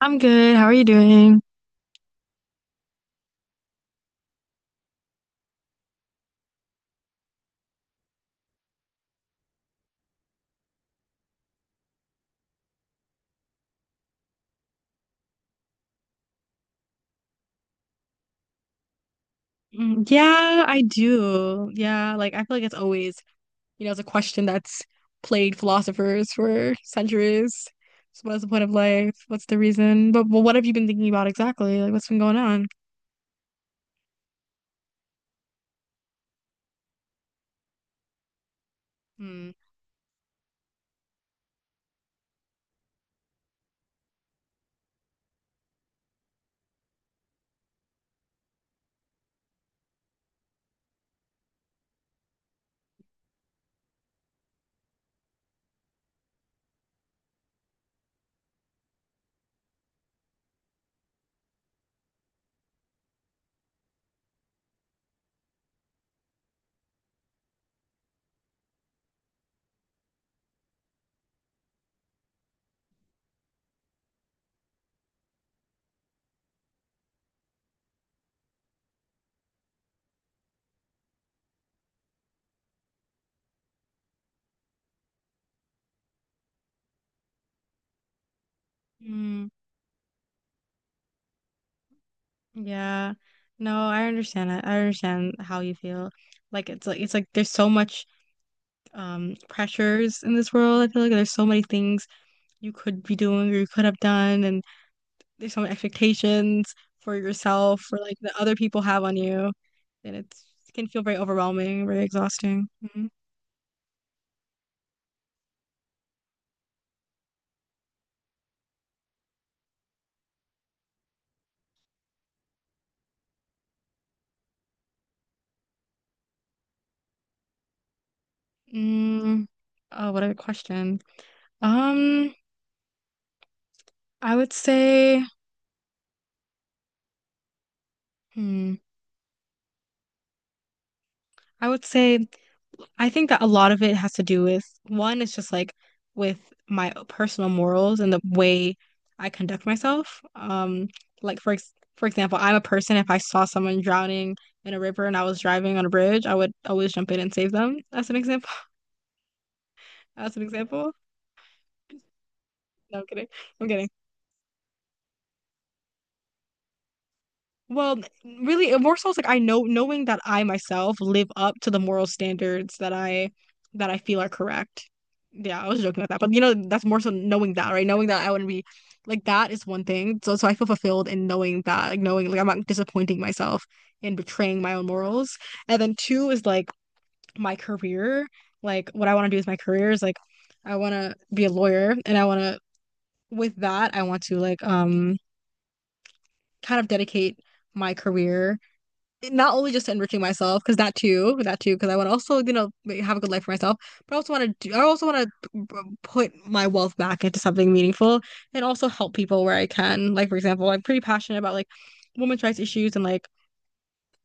I'm good. How are you doing? Mm, yeah, I do. Yeah, like I feel like it's always, it's a question that's plagued philosophers for centuries. So what is the point of life? What's the reason? But what have you been thinking about exactly? Like what's been going on? Hmm. Mm, yeah. No, I understand it. I understand how you feel. Like it's like there's so much pressures in this world. I feel like there's so many things you could be doing or you could have done and there's some expectations for yourself or like that other people have on you, and it can feel very overwhelming, very exhausting. Mhm. Mm, oh, what a good question. Um, I would say, hmm, I would say I think that a lot of it has to do with one, it's just like with my personal morals and the way I conduct myself. Like for example, I'm a person, if I saw someone drowning in a river and I was driving on a bridge, I would always jump in and save them, as an example. As an example. No, I'm kidding. I'm kidding. Well, really, it more so it's like I know knowing that I myself live up to the moral standards that I feel are correct. Yeah, I was joking about that, but that's more so knowing that, right? Knowing that I wouldn't be like that is one thing. So I feel fulfilled in knowing that, like knowing like I'm not disappointing myself in betraying my own morals. And then two is like my career. Like what I want to do is my career is like I want to be a lawyer, and I want to with that I want to like kind of dedicate my career not only just enriching myself because that too because I want to also like, have a good life for myself but I also want to put my wealth back into something meaningful and also help people where I can like for example I'm pretty passionate about like women's rights issues and like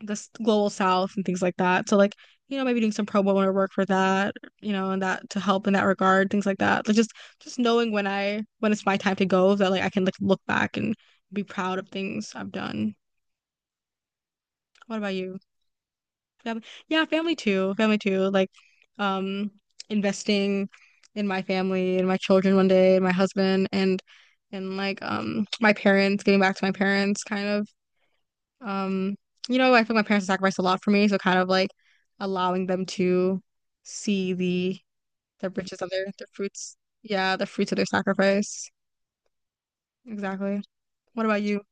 the global south and things like that so like maybe doing some pro bono work for that and that to help in that regard things like that like just knowing when it's my time to go that like I can like look back and be proud of things I've done. What about you? Fam Yeah, family too. Family too. Like, um, investing in my family and my children one day, and my husband and like my parents, getting back to my parents kind of. Um, I feel like my parents sacrificed a lot for me, so kind of like allowing them to see the riches of their the fruits. Yeah, the fruits of their sacrifice. Exactly. What about you?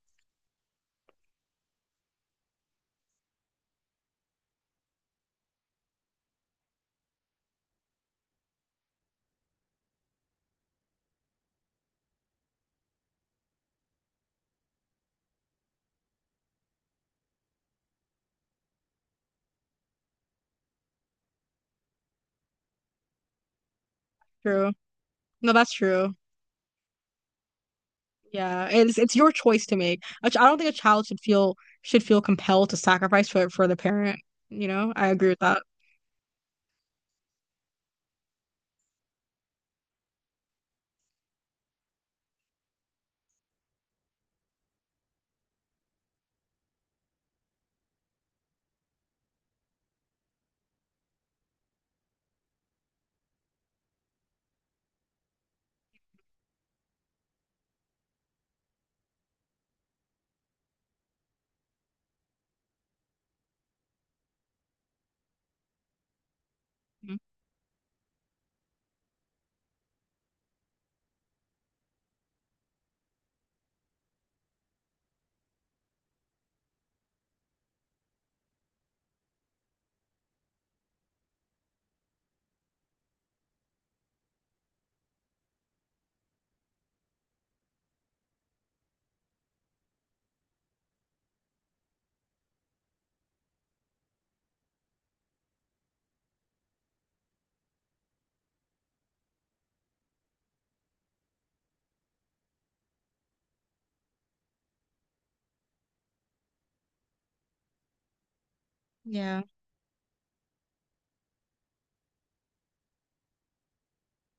True. No, that's true. Yeah, and it's your choice to make. I don't think a child should feel compelled to sacrifice for the parent. I agree with that. Mm. Yeah,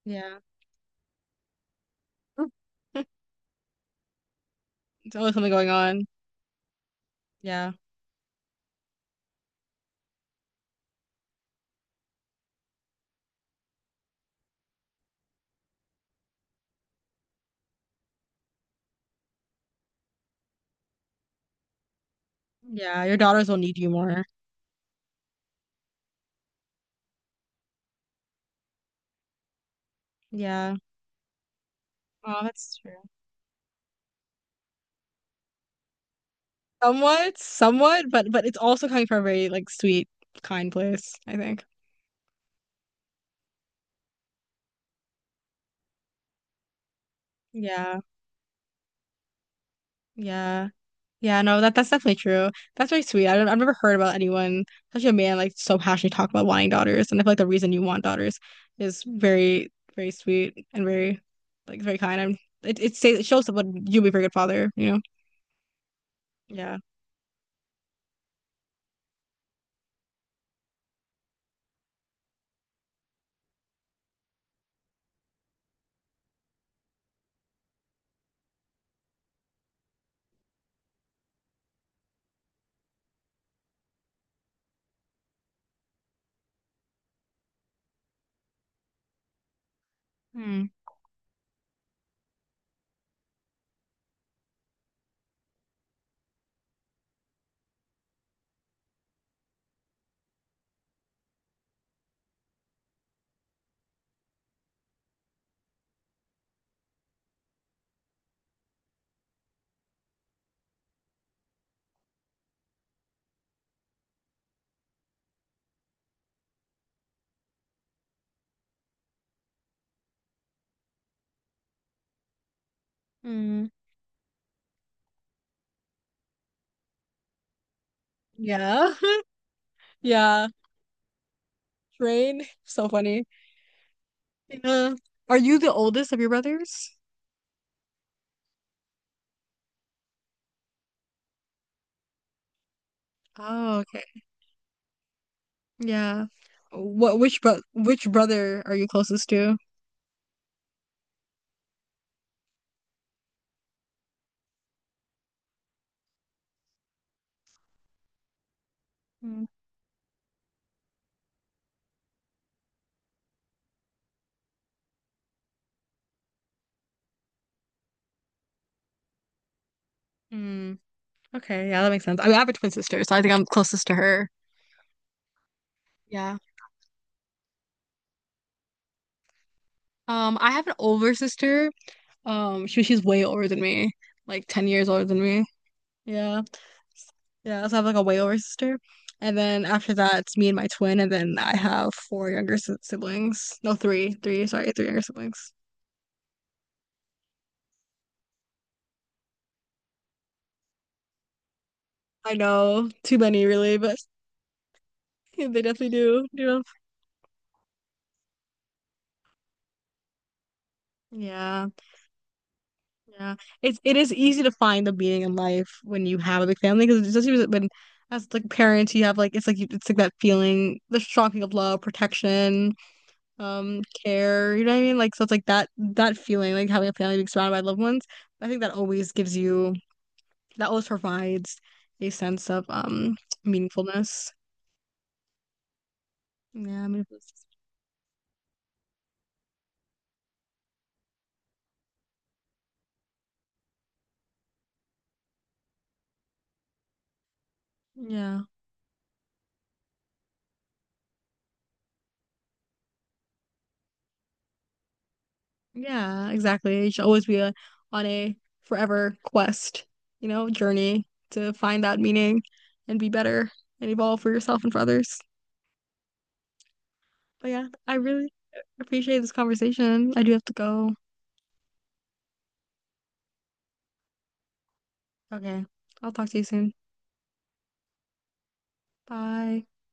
yeah. It's always something going on. Yeah, yeah. Your daughters will need you more. Yeah. Oh, that's true. Somewhat, somewhat, but it's also coming from a very like sweet, kind place, I think. Yeah, yeah. Yeah, no, that's definitely true. That's very sweet. I've never heard about anyone, especially a man, like so passionately talk about wanting daughters. And I feel like the reason you want daughters is very, very sweet and very, like, very kind. And it shows that what you'll be a very good father, you know? Yeah. Hmm. Hmm. Yeah. Yeah. Rain. So funny. Yeah. Are you the oldest of your brothers? Oh, okay. Yeah. What which bro which brother are you closest to? Hmm. Hmm. Okay, yeah, that makes sense. I mean, I have a twin sister, so I think I'm closest to her. Yeah. I have an older sister. She's way older than me, like 10 years older than me. Yeah. Yeah, so I have like a way older sister. And then after that, it's me and my twin, and then I have four younger siblings. No, three, three, sorry, three younger siblings. I know, too many really, but they definitely do. Yeah. Yeah, it is easy to find the meaning in life when you have a big family because especially when as like parents you have like it's like that feeling the strong feeling of love protection care you know what I mean like so it's like that feeling like having a family being surrounded by loved ones I think that always gives you that always provides a sense of meaningfulness yeah meaningfulness. Yeah, Yeah, exactly. It should always be on a forever quest, journey to find that meaning and be better and evolve for yourself and for others. But yeah, I really appreciate this conversation. I do have to go. Okay. I'll talk to you soon. Bye.